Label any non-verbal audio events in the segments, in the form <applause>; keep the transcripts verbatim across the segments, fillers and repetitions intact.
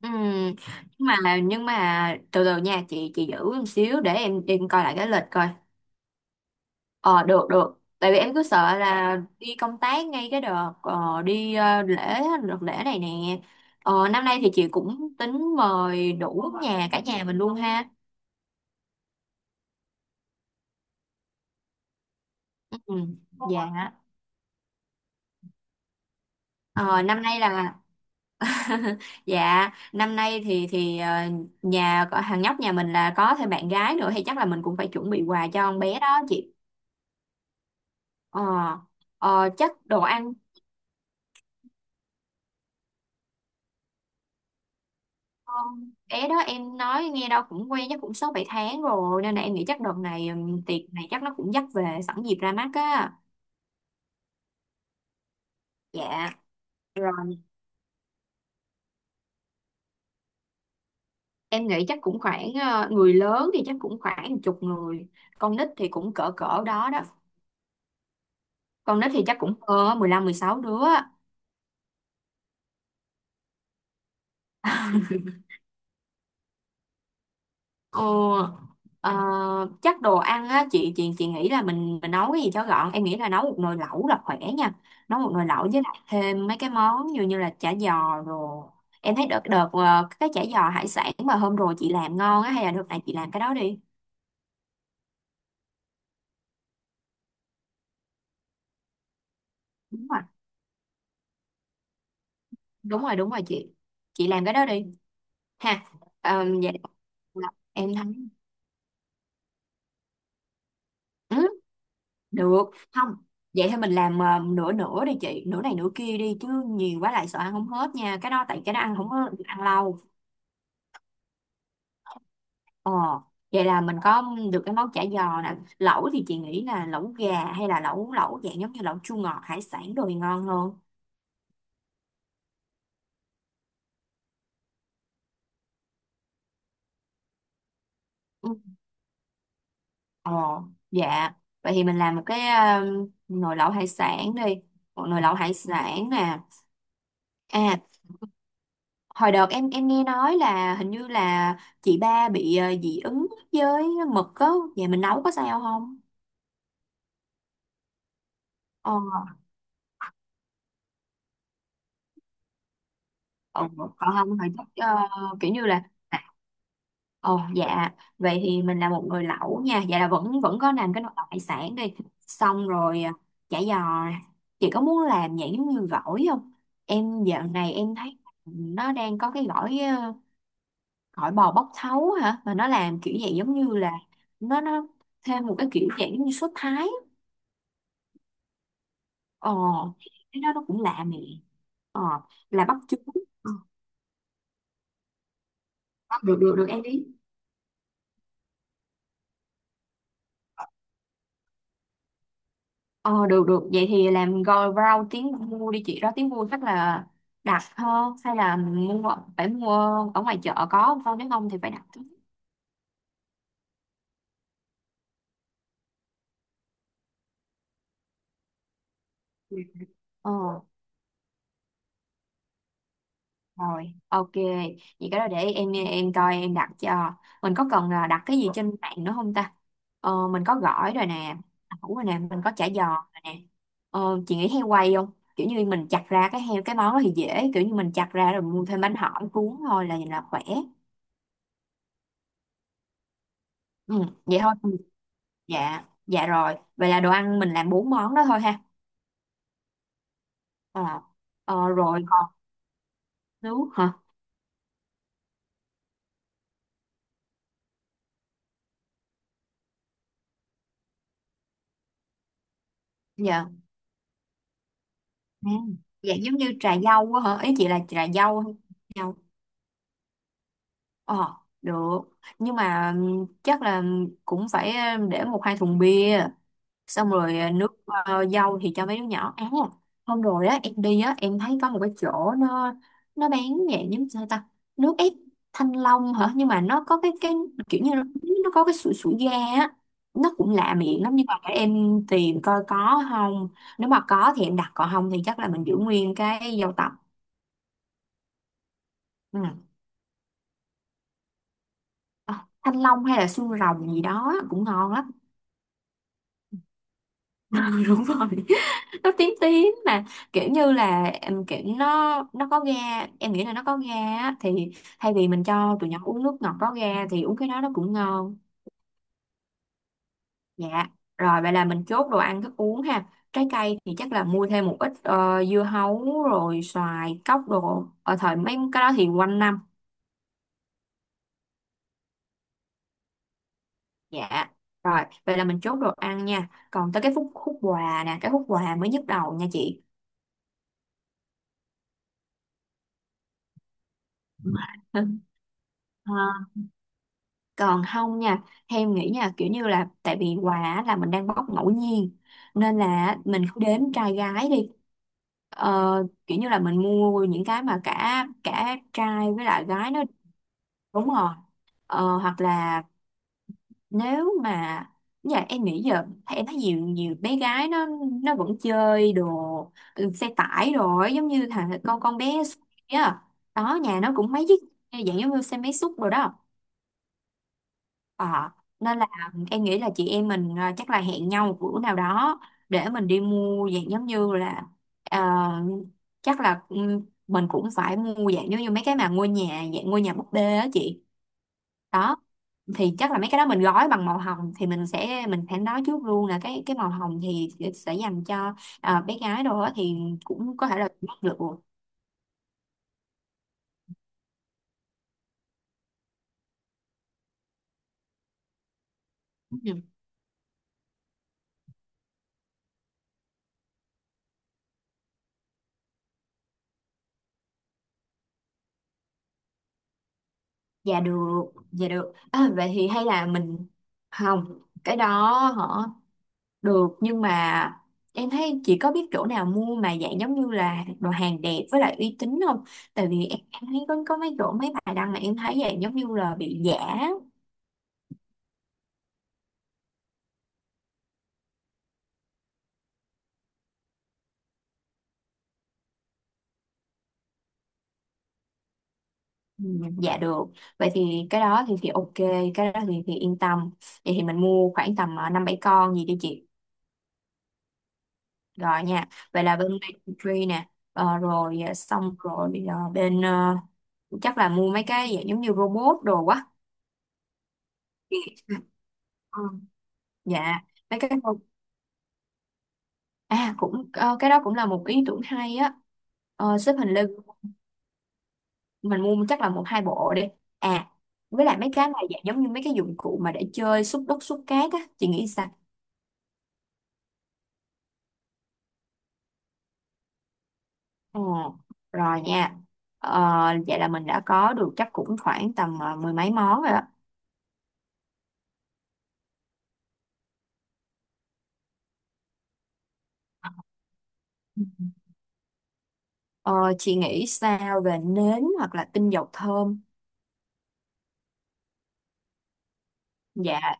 Ừ, nhưng mà nhưng mà từ từ nha chị chị giữ một xíu để em em coi lại cái lịch coi. ờ Được được, tại vì em cứ sợ là đi công tác ngay cái đợt ờ, đi ờ, lễ, đợt lễ này nè. Ờ, năm nay thì chị cũng tính mời đủ nhà cả nhà mình luôn ha. Ừ, dạ. ờ, năm nay là Dạ, năm nay thì thì ờ, nhà có- thằng nhóc nhà mình là có thêm bạn gái nữa thì chắc là mình cũng phải chuẩn bị quà cho con bé đó chị. ờ Ờ, chắc đồ ăn. Con bé đó em nói nghe đâu cũng quen chắc cũng sáu bảy tháng rồi, nên là em nghĩ chắc đợt này ừm, tiệc này chắc nó cũng dắt về sẵn dịp ra mắt á. Dạ rồi, em nghĩ chắc cũng khoảng ờ, người lớn thì chắc cũng khoảng một chục người. Con nít thì cũng cỡ cỡ đó đó. Con nít thì chắc cũng hơn á, mười sáu đứa. Ờ, ờ, Chắc đồ ăn á, chị chị chị nghĩ là mình mình nấu cái gì cho gọn. Em nghĩ là nấu một nồi lẩu là khỏe nha. Nấu một nồi lẩu với lại thêm mấy cái món như như là chả giò rồi. Em thấy đợt đợt ờ, cái chả giò hải sản mà hôm rồi chị làm ngon á, hay là đợt này chị làm cái đó đi. Đúng rồi, đúng rồi, đúng rồi chị. Chị làm cái đó đi ha. Ờ, vậy là em thấy, ừ, được không? Vậy thì mình làm ờ, nửa nửa đi chị, nửa này nửa kia đi, chứ nhiều quá lại sợ ăn không hết nha. Cái đó tại cái đó ăn không có được ăn lâu. Ờ, vậy là mình có được cái món chả giò nè. Lẩu thì chị nghĩ là lẩu gà hay là lẩu lẩu dạng giống như lẩu chua ngọt hải sản đồ thì ngon hơn. Ừ. Ờ, dạ. Vậy thì mình làm một cái um, nồi lẩu hải sản đi. Một nồi lẩu hải sản nè. À, hồi đợt em em nghe nói là hình như là chị ba bị ờ, dị ứng với mực á. Vậy mình nấu có sao không? Ờ, ừ, còn không thì chắc ờ, kiểu như là à, ồ, dạ. Vậy thì mình là một người lẩu nha. Vậy là vẫn vẫn có làm cái nồi lẩu hải sản đi. Xong rồi. À, chả giò nè. Chị có muốn làm dạng giống như gỏi không? Em dạo này em thấy, nó đang có cái gỏi ờ, gỏi bò bóc thấu hả. Mà nó làm kiểu dạng giống như là, Nó nó thêm một cái kiểu dạng giống như sốt Thái. Ồ, cái đó nó cũng lạ nè. Ờ, là bắp chuối. Ờ, được được được em đi. Ờ, được được, vậy thì làm gói rau tiếng mua đi chị. Đó, tiếng mua chắc là đặt hơn hay là mua ở- phải mua ở ngoài chợ có không con, nếu không thì phải đặt. Ừ. ờ Rồi, ok, vậy cái đó để em em coi em đặt cho. Mình có cần là đặt cái gì trên mạng nữa không ta? Ờ mình có gỏi rồi nè. Ẩu rồi nè, mình có chả giò rồi nè. Ờ chị nghĩ heo quay không? Kiểu như mình chặt ra cái heo, cái món đó thì dễ, kiểu như mình chặt ra rồi mua thêm bánh hỏi cuốn thôi là là khỏe. Ừ, vậy thôi. Dạ, dạ rồi, vậy là đồ ăn mình làm bốn món đó thôi ha. ờ, ờ Rồi còn nước hả? Dạ. Ừ. Dạ, giống như trà dâu á hả, ý chị là trà dâu hay dâu. ờ Được, nhưng mà ừm, chắc là cũng phải ừm, để một hai thùng bia. Xong rồi, à, nước ờ, dâu thì cho mấy đứa nhỏ. À, hôm rồi á em đi á em thấy có một cái chỗ nó nó bán dạng giống sao ta, nước ép thanh long hả, nhưng mà nó có cái cái kiểu như nó, nó có cái sủi sủi ga á, nó cũng lạ miệng lắm nhưng mà để em tìm coi có không, nếu mà có thì em đặt còn không thì chắc là mình giữ nguyên cái dâu tằm. Ừ. Ờ, thanh long hay là xương rồng gì đó cũng ngon lắm. <laughs> Đúng rồi, nó tím tím mà, kiểu như là em kiểu nó nó có ga, em nghĩ là nó có ga á, thì thay vì mình cho tụi nhỏ uống nước ngọt có ga thì uống cái đó nó cũng ngon. Dạ rồi, vậy là mình chốt đồ ăn thức uống ha. Trái cây thì chắc là mua thêm một ít ờ, dưa hấu rồi xoài cóc đồ, ở thời mấy cái đó thì quanh năm. Dạ rồi, vậy là mình chốt đồ ăn nha, còn tới cái phút khúc quà nè, cái khúc quà mới nhức đầu nha chị. <laughs> Ờ, còn không nha, em nghĩ nha, kiểu như là tại vì quà á, là mình đang bóc ngẫu nhiên nên là mình cứ đếm trai gái đi. ờ, Kiểu như là mình mua những cái mà cả cả trai với lại gái nó đúng rồi. Ờ, hoặc là nếu mà Dạ em nghĩ giờ em thấy nhiều nhiều bé gái nó nó vẫn chơi đồ, ừ, xe tải đồ ấy, giống như thằng con con bé á, đó nhà nó cũng mấy chiếc dạng giống như xe máy xúc rồi đó. Ờ, nên là em nghĩ là chị em mình à, chắc là hẹn nhau một bữa nào đó để mình đi mua dạng giống như là, ờ, chắc là ừm, mình cũng phải mua dạng giống như mấy cái mà ngôi nhà dạng ngôi nhà búp bê á chị. Đó thì chắc là mấy cái đó mình gói bằng màu hồng, thì mình sẽ mình phải nói trước luôn là cái cái màu hồng thì sẽ dành cho à, bé gái đồ á, thì cũng có thể là bắt được. Ừ. Dạ được, dạ được, à, vậy thì hay là mình không cái đó hả? Được, nhưng mà em thấy chị có biết chỗ nào mua mà dạng giống như là đồ hàng đẹp với lại uy tín không? Tại vì em, em thấy có, có mấy chỗ, mấy bài đăng mà em thấy dạng giống như là bị giả. Ừ, giả được, vậy thì cái đó thì thì ok, cái đó thì thì yên tâm. Vậy thì mình mua khoảng tầm ờ, năm bảy con gì đi chị, rồi nha. Vậy là bên Baby Tree nè. Ờ, Rồi, ờ, xong rồi, ờ, bên ờ, chắc là mua mấy cái dạng giống như robot đồ quá. <laughs> Ừ, dạ mấy cái. À, cũng ờ, cái đó cũng là một ý tưởng hay á. Ờ, xếp hình Lego mình mua chắc là một hai bộ đi. À, với lại mấy cái này dạng giống như mấy cái dụng cụ mà để chơi xúc đất xúc cát á, chị nghĩ sao? Ờ, rồi nha. Ờ, vậy là mình đã có được chắc cũng khoảng tầm ờ, mười mấy món rồi á. Ờ, chị nghĩ sao về nến hoặc là tinh dầu thơm? Dạ,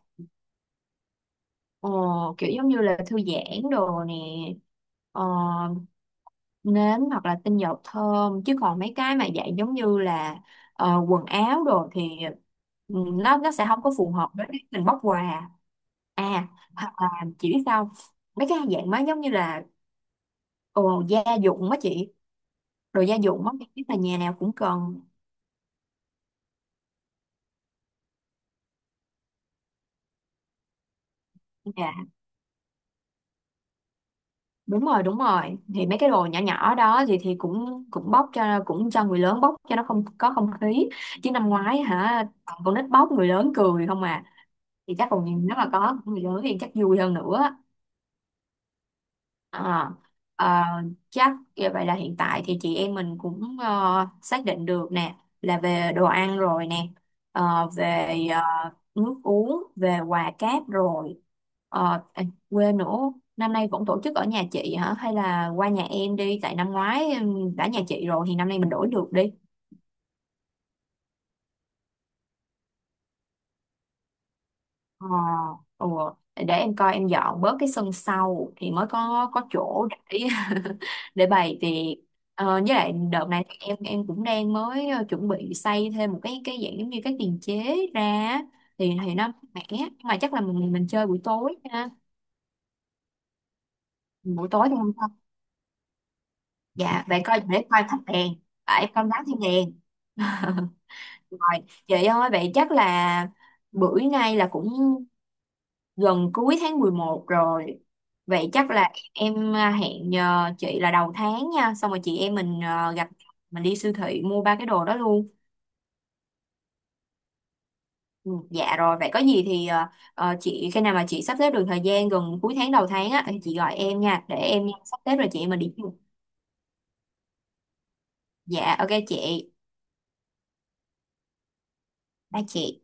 ờ, kiểu giống như là thư giãn đồ nè. Ờ, nến hoặc là tinh dầu thơm, chứ còn mấy cái mà dạng giống như là ờ, quần áo đồ thì, ừ, nó nó sẽ không có phù hợp với cái mình bóc quà. À, hoặc là chị biết sao không? Mấy cái dạng má giống như là ồ, gia dụng á chị, đồ gia dụng á, biết là nhà nào cũng cần. Dạ, đúng rồi, đúng rồi, thì mấy cái đồ nhỏ nhỏ đó thì thì cũng cũng bóc cho cũng cho người lớn bóc cho nó không có không khí, chứ năm ngoái hả còn con nít bóc, người lớn cười không à. Thì chắc còn nếu mà có của người lớn thì chắc vui hơn nữa. à, ờ, Chắc như vậy là hiện tại thì chị em mình cũng ờ, xác định được nè, là về đồ ăn rồi nè, ờ, về ờ, nước uống, về quà cáp rồi. Ờ, à, quên nữa, năm nay vẫn tổ chức ở nhà chị hả hay là qua nhà em đi, tại năm ngoái ừm, đã nhà chị rồi thì năm nay mình đổi được đi. Ờ, ủa, để em coi em dọn bớt cái sân sau thì mới có có chỗ để <laughs> để bày tiệc. Ờ, với lại đợt này thì em em cũng đang mới ờ, chuẩn bị xây thêm một cái cái dạng giống như cái tiền chế ra á. thì thì nó mẻ, nhưng mà chắc là mình mình chơi buổi tối ha. Buổi tối thì không sao. Dạ vậy coi, để coi thắp đèn, à, em coi đám thêm đèn. <laughs> Rồi vậy thôi, vậy chắc là bữa nay là cũng gần cuối tháng mười một rồi. Vậy chắc là em à, hẹn à, chị là đầu tháng nha, xong rồi chị em mình à, gặp, mình đi siêu thị mua ba cái đồ đó luôn. Ừ, dạ rồi vậy có gì thì à, à, chị khi nào mà chị sắp xếp được thời gian gần cuối tháng đầu tháng á thì chị gọi em nha để em sắp xếp, rồi chị em mình đi chung. Dạ ok chị. Ba chị.